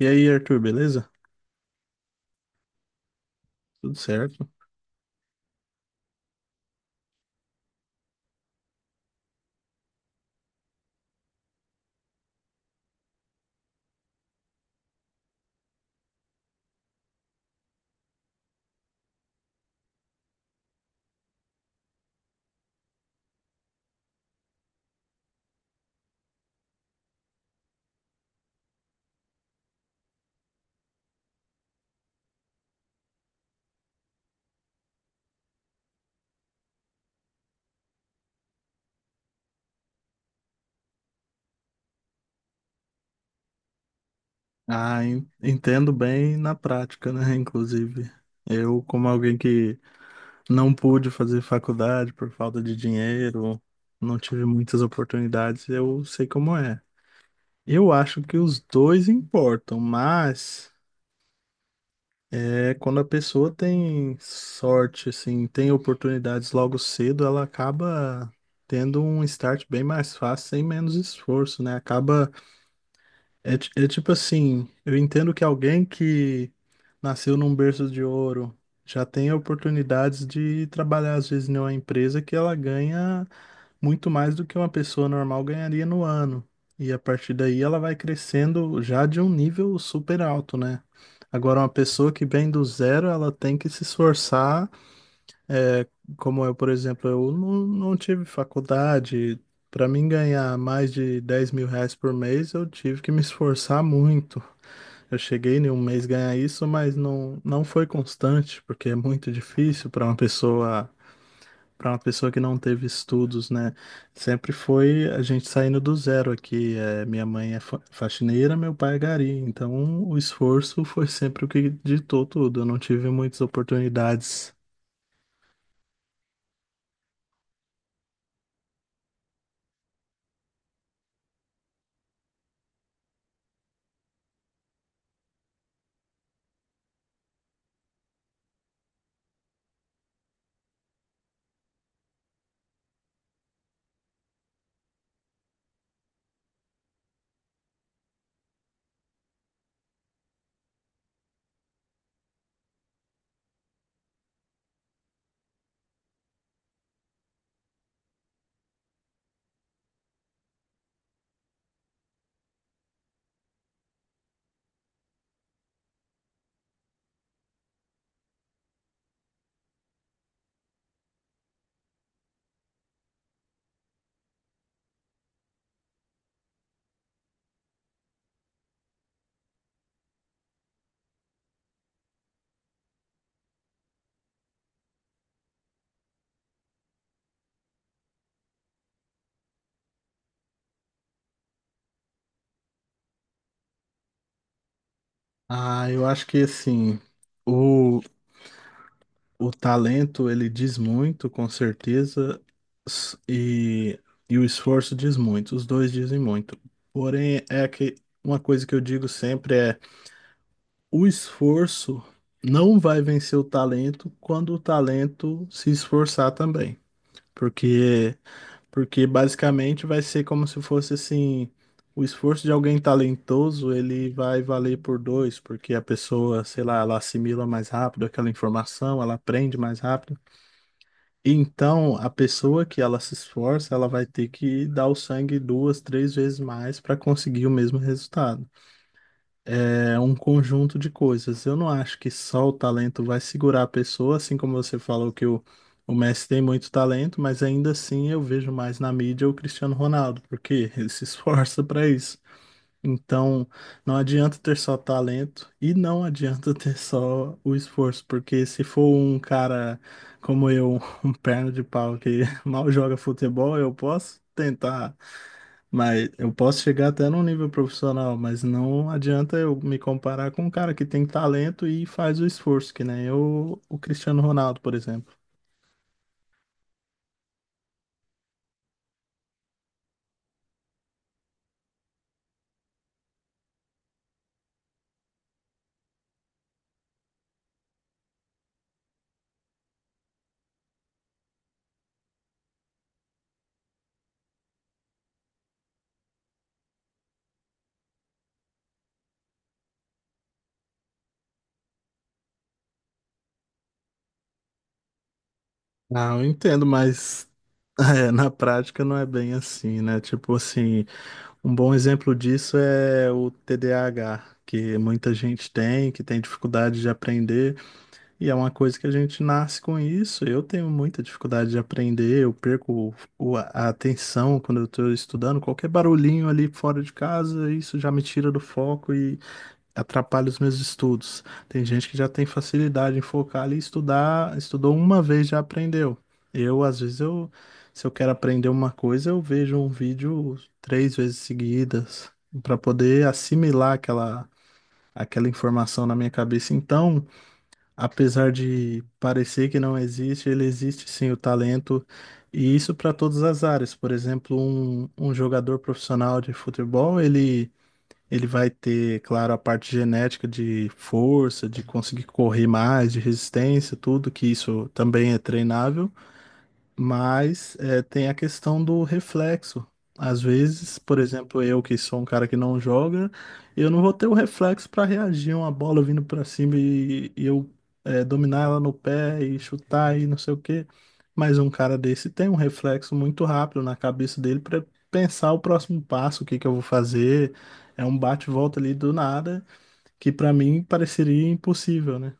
E aí, Arthur, beleza? Tudo certo? Ah, entendo bem na prática, né? Inclusive, eu, como alguém que não pude fazer faculdade por falta de dinheiro, não tive muitas oportunidades, eu sei como é. Eu acho que os dois importam, mas quando a pessoa tem sorte, assim, tem oportunidades logo cedo, ela acaba tendo um start bem mais fácil, sem menos esforço, né? É tipo assim, eu entendo que alguém que nasceu num berço de ouro já tem oportunidades de trabalhar, às vezes, em uma empresa que ela ganha muito mais do que uma pessoa normal ganharia no ano. E a partir daí ela vai crescendo já de um nível super alto, né? Agora, uma pessoa que vem do zero, ela tem que se esforçar é, como eu, por exemplo, eu não tive faculdade. Para mim ganhar mais de R$ 10.000 por mês, eu tive que me esforçar muito. Eu cheguei em um mês ganhar isso, mas não foi constante, porque é muito difícil para uma pessoa que não teve estudos, né? Sempre foi a gente saindo do zero aqui. É, minha mãe é faxineira, meu pai é gari. Então o esforço foi sempre o que ditou tudo. Eu não tive muitas oportunidades. Ah, eu acho que assim, o, o talento ele diz muito, com certeza, s- e, e o esforço diz muito, os dois dizem muito. Porém, é que uma coisa que eu digo sempre é: o esforço não vai vencer o talento quando o talento se esforçar também. Porque porque basicamente vai ser como se fosse assim, o esforço de alguém talentoso, ele vai valer por dois, porque a pessoa, sei lá, ela assimila mais rápido aquela informação, ela aprende mais rápido. E então, a pessoa que ela se esforça, ela vai ter que dar o sangue duas, três vezes mais para conseguir o mesmo resultado. É um conjunto de coisas. Eu não acho que só o talento vai segurar a pessoa, assim como você falou que o Messi tem muito talento, mas ainda assim eu vejo mais na mídia o Cristiano Ronaldo, porque ele se esforça para isso. Então, não adianta ter só talento e não adianta ter só o esforço, porque se for um cara como eu, um perna de pau que mal joga futebol, eu posso tentar, mas eu posso chegar até num nível profissional, mas não adianta eu me comparar com um cara que tem talento e faz o esforço, que nem eu, o Cristiano Ronaldo, por exemplo. Ah, eu entendo, mas é, na prática não é bem assim, né? Tipo assim, um bom exemplo disso é o TDAH, que muita gente tem, que tem dificuldade de aprender. E é uma coisa que a gente nasce com isso. Eu tenho muita dificuldade de aprender, eu perco a atenção quando eu estou estudando. Qualquer barulhinho ali fora de casa, isso já me tira do foco e atrapalha os meus estudos. Tem gente que já tem facilidade em focar ali e estudar, estudou uma vez já aprendeu. Eu, às vezes, se eu quero aprender uma coisa, eu vejo um vídeo três vezes seguidas para poder assimilar aquela informação na minha cabeça. Então, apesar de parecer que não existe, ele existe sim, o talento, e isso para todas as áreas. Por exemplo, um jogador profissional de futebol, ele vai ter, claro, a parte genética de força, de conseguir correr mais, de resistência, tudo que isso também é treinável. Mas é, tem a questão do reflexo. Às vezes, por exemplo, eu que sou um cara que não joga, eu não vou ter o reflexo para reagir a uma bola vindo para cima e eu dominar ela no pé e chutar e não sei o quê. Mas um cara desse tem um reflexo muito rápido na cabeça dele para pensar o próximo passo, o que que eu vou fazer. É um bate-volta ali do nada, que para mim pareceria impossível, né?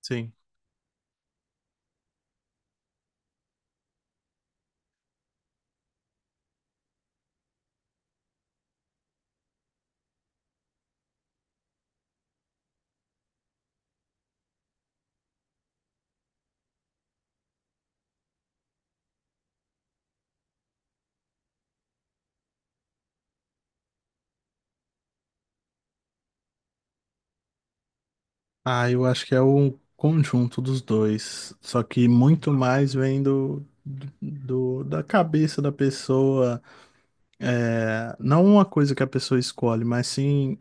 Sim. Ah, eu acho que é o conjunto dos dois. Só que muito mais vem da cabeça da pessoa. Não uma coisa que a pessoa escolhe, mas sim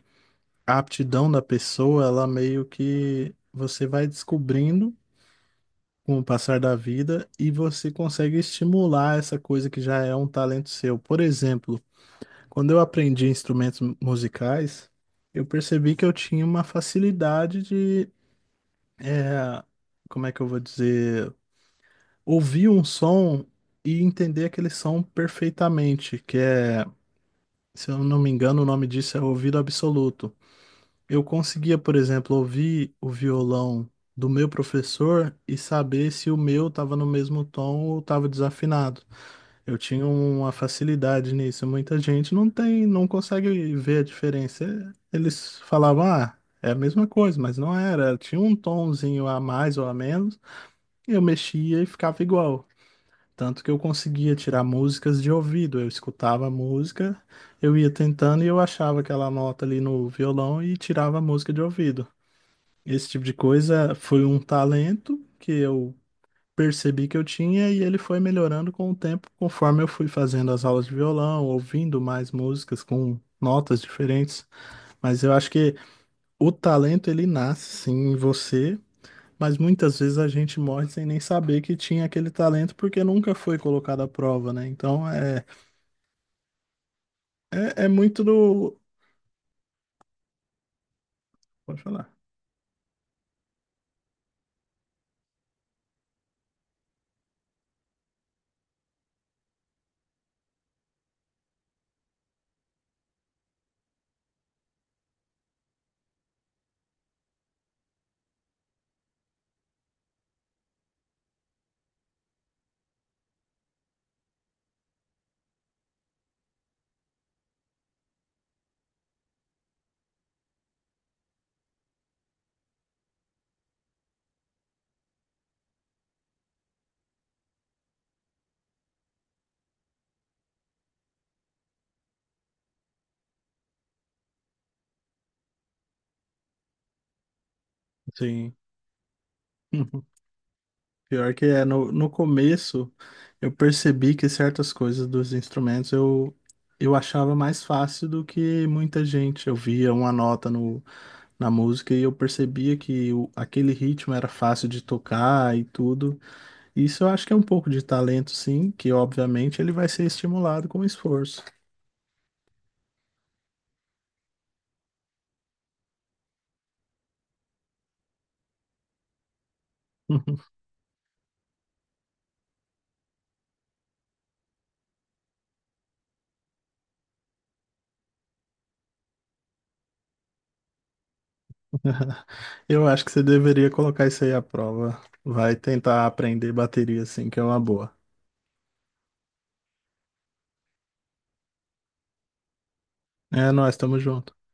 a aptidão da pessoa, ela meio que você vai descobrindo com o passar da vida e você consegue estimular essa coisa que já é um talento seu. Por exemplo, quando eu aprendi instrumentos musicais, eu percebi que eu tinha uma facilidade de é, como é que eu vou dizer? Ouvir um som e entender aquele som perfeitamente, que é, se eu não me engano, o nome disso é ouvido absoluto. Eu conseguia, por exemplo, ouvir o violão do meu professor e saber se o meu estava no mesmo tom ou estava desafinado. Eu tinha uma facilidade nisso. Muita gente não tem, não consegue ver a diferença. Eles falavam, ah, é a mesma coisa, mas não era. Tinha um tonzinho a mais ou a menos. Eu mexia e ficava igual. Tanto que eu conseguia tirar músicas de ouvido. Eu escutava a música, eu ia tentando e eu achava aquela nota ali no violão e tirava a música de ouvido. Esse tipo de coisa foi um talento que eu percebi que eu tinha e ele foi melhorando com o tempo, conforme eu fui fazendo as aulas de violão, ouvindo mais músicas com notas diferentes. Mas eu acho que o talento ele nasce sim em você. Mas muitas vezes a gente morre sem nem saber que tinha aquele talento porque nunca foi colocado à prova, né? Então é, muito do. Pode falar. Sim. Pior que é, no começo eu percebi que certas coisas dos instrumentos eu achava mais fácil do que muita gente. Eu via uma nota no, na música e eu percebia que aquele ritmo era fácil de tocar e tudo. Isso eu acho que é um pouco de talento, sim, que obviamente ele vai ser estimulado com esforço. Eu acho que você deveria colocar isso aí à prova. Vai tentar aprender bateria, assim, que é uma boa. É, nós estamos juntos.